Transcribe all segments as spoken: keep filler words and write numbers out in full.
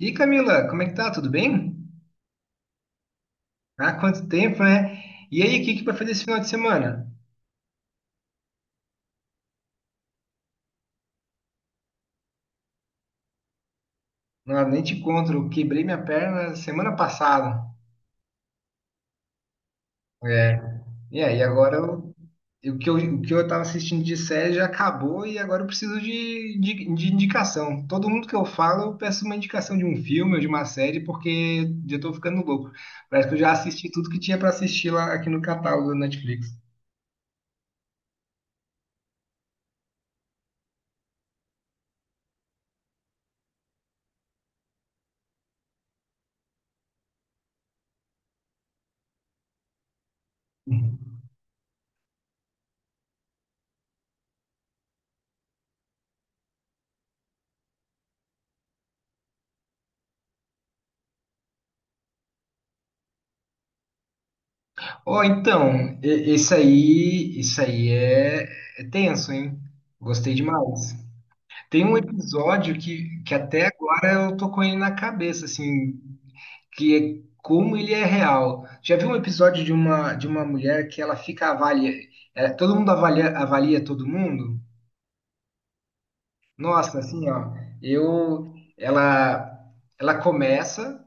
E Camila, como é que tá? Tudo bem? Ah, quanto tempo, né? E aí, o que que vai fazer esse final de semana? Não, nem te conto, eu quebrei minha perna semana passada. É. E aí, agora eu, eu- o que eu, o que eu tava assistindo de série já acabou e agora eu preciso de, de, de indicação. Todo mundo que eu falo, eu peço uma indicação de um filme ou de uma série, porque eu já tô ficando louco. Parece que eu já assisti tudo que tinha pra assistir lá aqui no catálogo da Netflix. Ó, então, e- esse aí, isso aí é, é tenso, hein? Gostei demais. Tem um episódio que, que até agora eu tô com ele na cabeça, assim, que é como ele é real. Já vi um episódio de uma, de uma mulher que ela fica avalia, é, todo mundo avalia, avalia todo mundo? Nossa, assim, ó, eu, ela, ela começa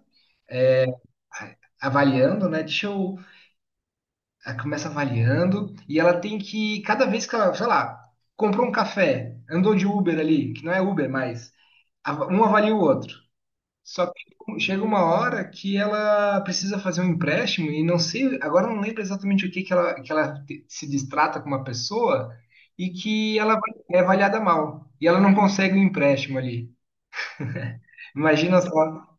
avaliando, né? Deixa eu. Ela começa avaliando e ela tem que, cada vez que ela, sei lá, comprou um café, andou de Uber ali, que não é Uber mais, av- um avalia o outro. Só que chega uma hora que ela precisa fazer um empréstimo e não sei, agora eu não lembro exatamente o que que ela, que ela te- se distrata com uma pessoa e que ela vai- é avaliada mal. E ela não consegue o empréstimo ali. Imagina só.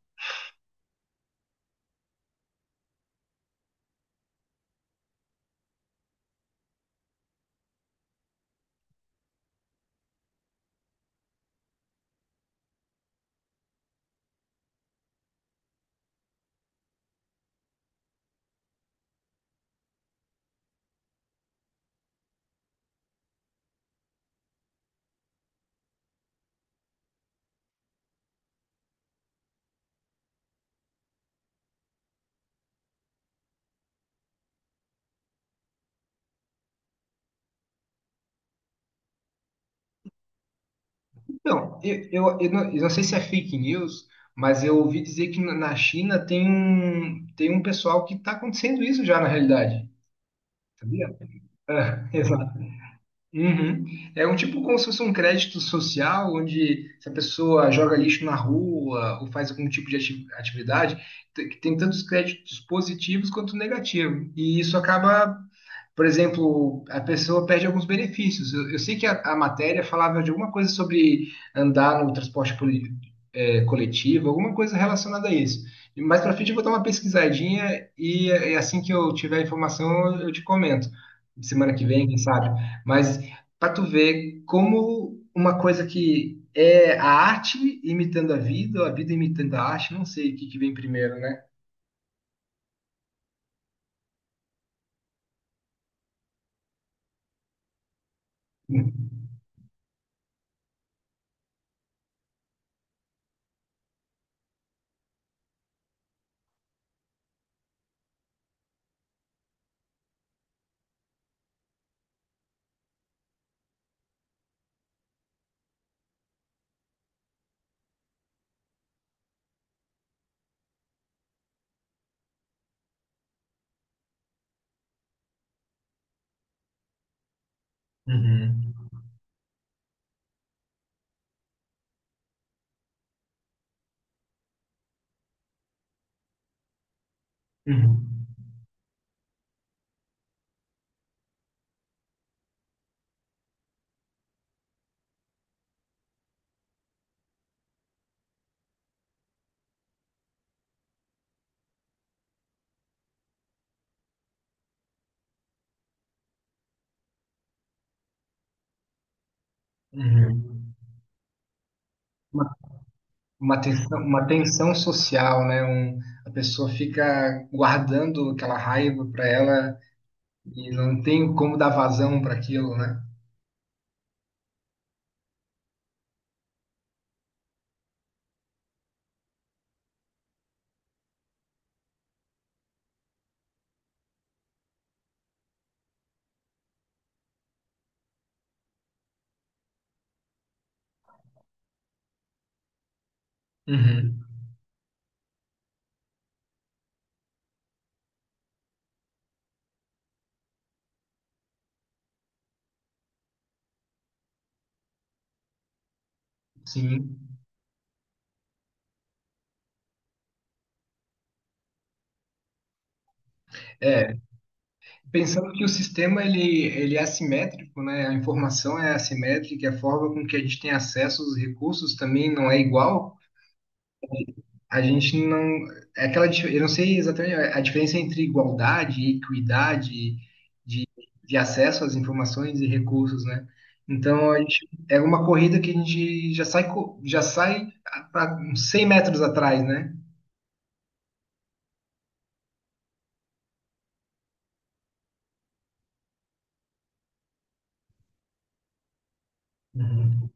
Então, eu, eu, eu não, eu não sei se é fake news, mas eu ouvi dizer que na na China tem um, tem um pessoal que está acontecendo isso já na realidade, sabia? É, exato. Uhum. É um tipo como se fosse um crédito social, onde se a pessoa joga lixo na rua ou faz algum tipo de ati- atividade, te- que tem tantos créditos positivos quanto negativos. E isso acaba, por exemplo, a pessoa perde alguns benefícios. Eu, eu sei que a, a matéria falava de alguma coisa sobre andar no transporte poli- é, coletivo, alguma coisa relacionada a isso. E mais para frente eu vou dar uma pesquisadinha e, é, assim que eu tiver a informação eu, eu te comento. Semana que vem, quem sabe. Mas para tu ver como uma coisa que é a arte imitando a vida, ou a vida imitando a arte, não sei o que que vem primeiro, né? Uhum, uhum, uhum. Uma tensão, uma tensão social, né? Um, a pessoa fica guardando aquela raiva para ela e não tem como dar vazão para aquilo, né? Uhum. Sim. É, pensando que o sistema ele, ele é assimétrico, né? A informação é assimétrica, a forma com que a gente tem acesso aos recursos também não é igual. A gente não. É aquela, dif- eu não sei exatamente a diferença entre igualdade e equidade de, de acesso às informações e recursos, né? Então, a gente, é uma corrida que a gente já sai, co- já sai para cem metros atrás, né? Uhum,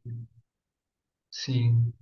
Sim,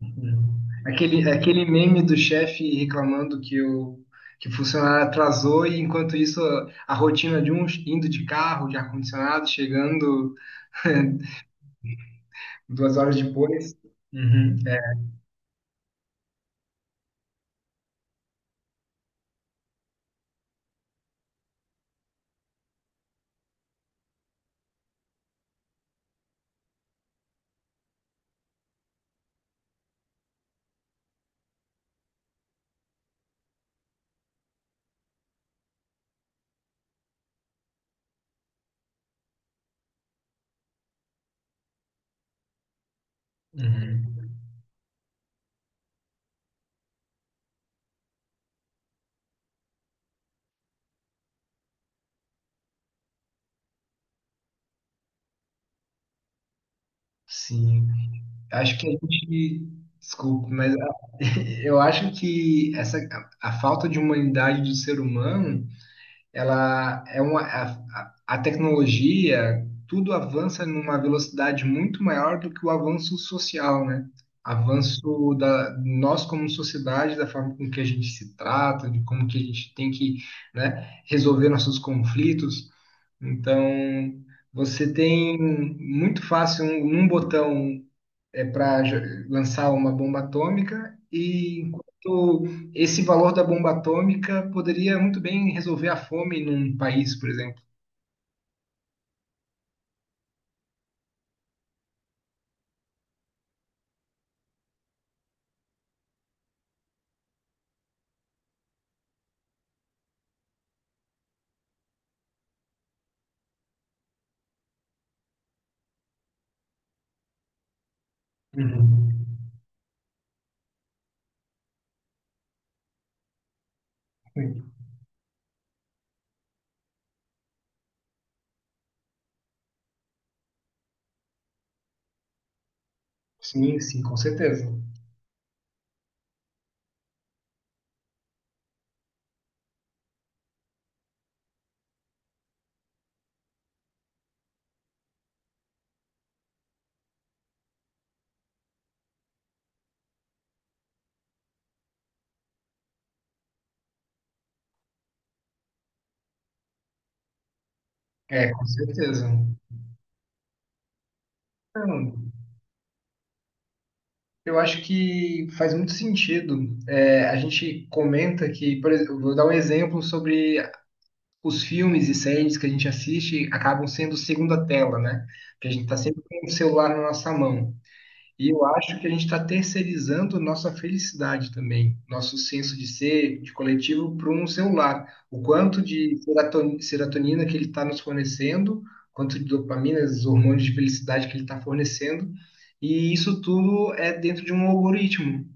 uhum. Aquele, aquele meme do chefe reclamando que o, que o funcionário atrasou e, enquanto isso, a, a rotina de um indo de carro, de ar-condicionado, chegando duas horas depois, uhum, é, uhum. Sim. Acho que a gente. Desculpa, mas a- eu acho que essa, a, a falta de humanidade do ser humano ela é uma a, a a tecnologia, tudo avança numa velocidade muito maior do que o avanço social, né? Avanço da nós como sociedade, da forma com que a gente se trata, de como que a gente tem que, né, resolver nossos conflitos. Então, você tem muito fácil um, num botão é para lançar uma bomba atômica e enquanto esse valor da bomba atômica poderia muito bem resolver a fome num país, por exemplo. Uhum. Sim, sim, com certeza. É, com certeza. Então, eu acho que faz muito sentido. É, a gente comenta que, por exemplo, vou dar um exemplo sobre os filmes e séries que a gente assiste acabam sendo segunda tela, né? Porque a gente está sempre com o celular na nossa mão. E eu acho que a gente está terceirizando nossa felicidade também, nosso senso de ser, de coletivo, para um celular. O quanto de seraton- serotonina que ele está nos fornecendo, quanto de dopamina, os hormônios de felicidade que ele está fornecendo, e isso tudo é dentro de um algoritmo.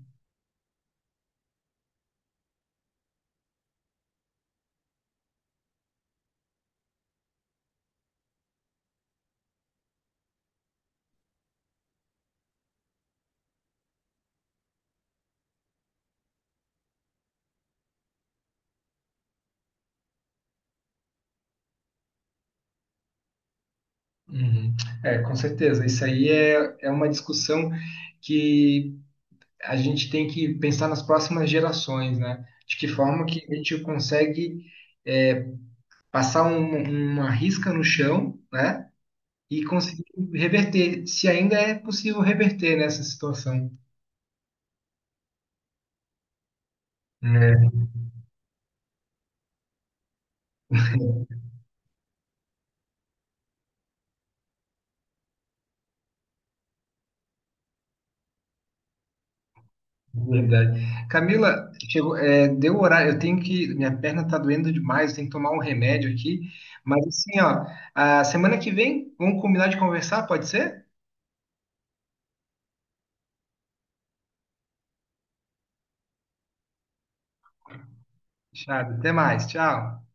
Uhum. É, com certeza. Isso aí é, é uma discussão que a gente tem que pensar nas próximas gerações, né? De que forma que a gente consegue é, passar um- uma risca no chão, né? E conseguir reverter, se ainda é possível reverter nessa situação. É, verdade. Camila, chegou, é, deu o horário, eu tenho que, minha perna tá doendo demais, eu tenho que tomar um remédio aqui, mas assim, ó, a semana que vem, vamos combinar de conversar, pode ser? Fechado, até mais, tchau.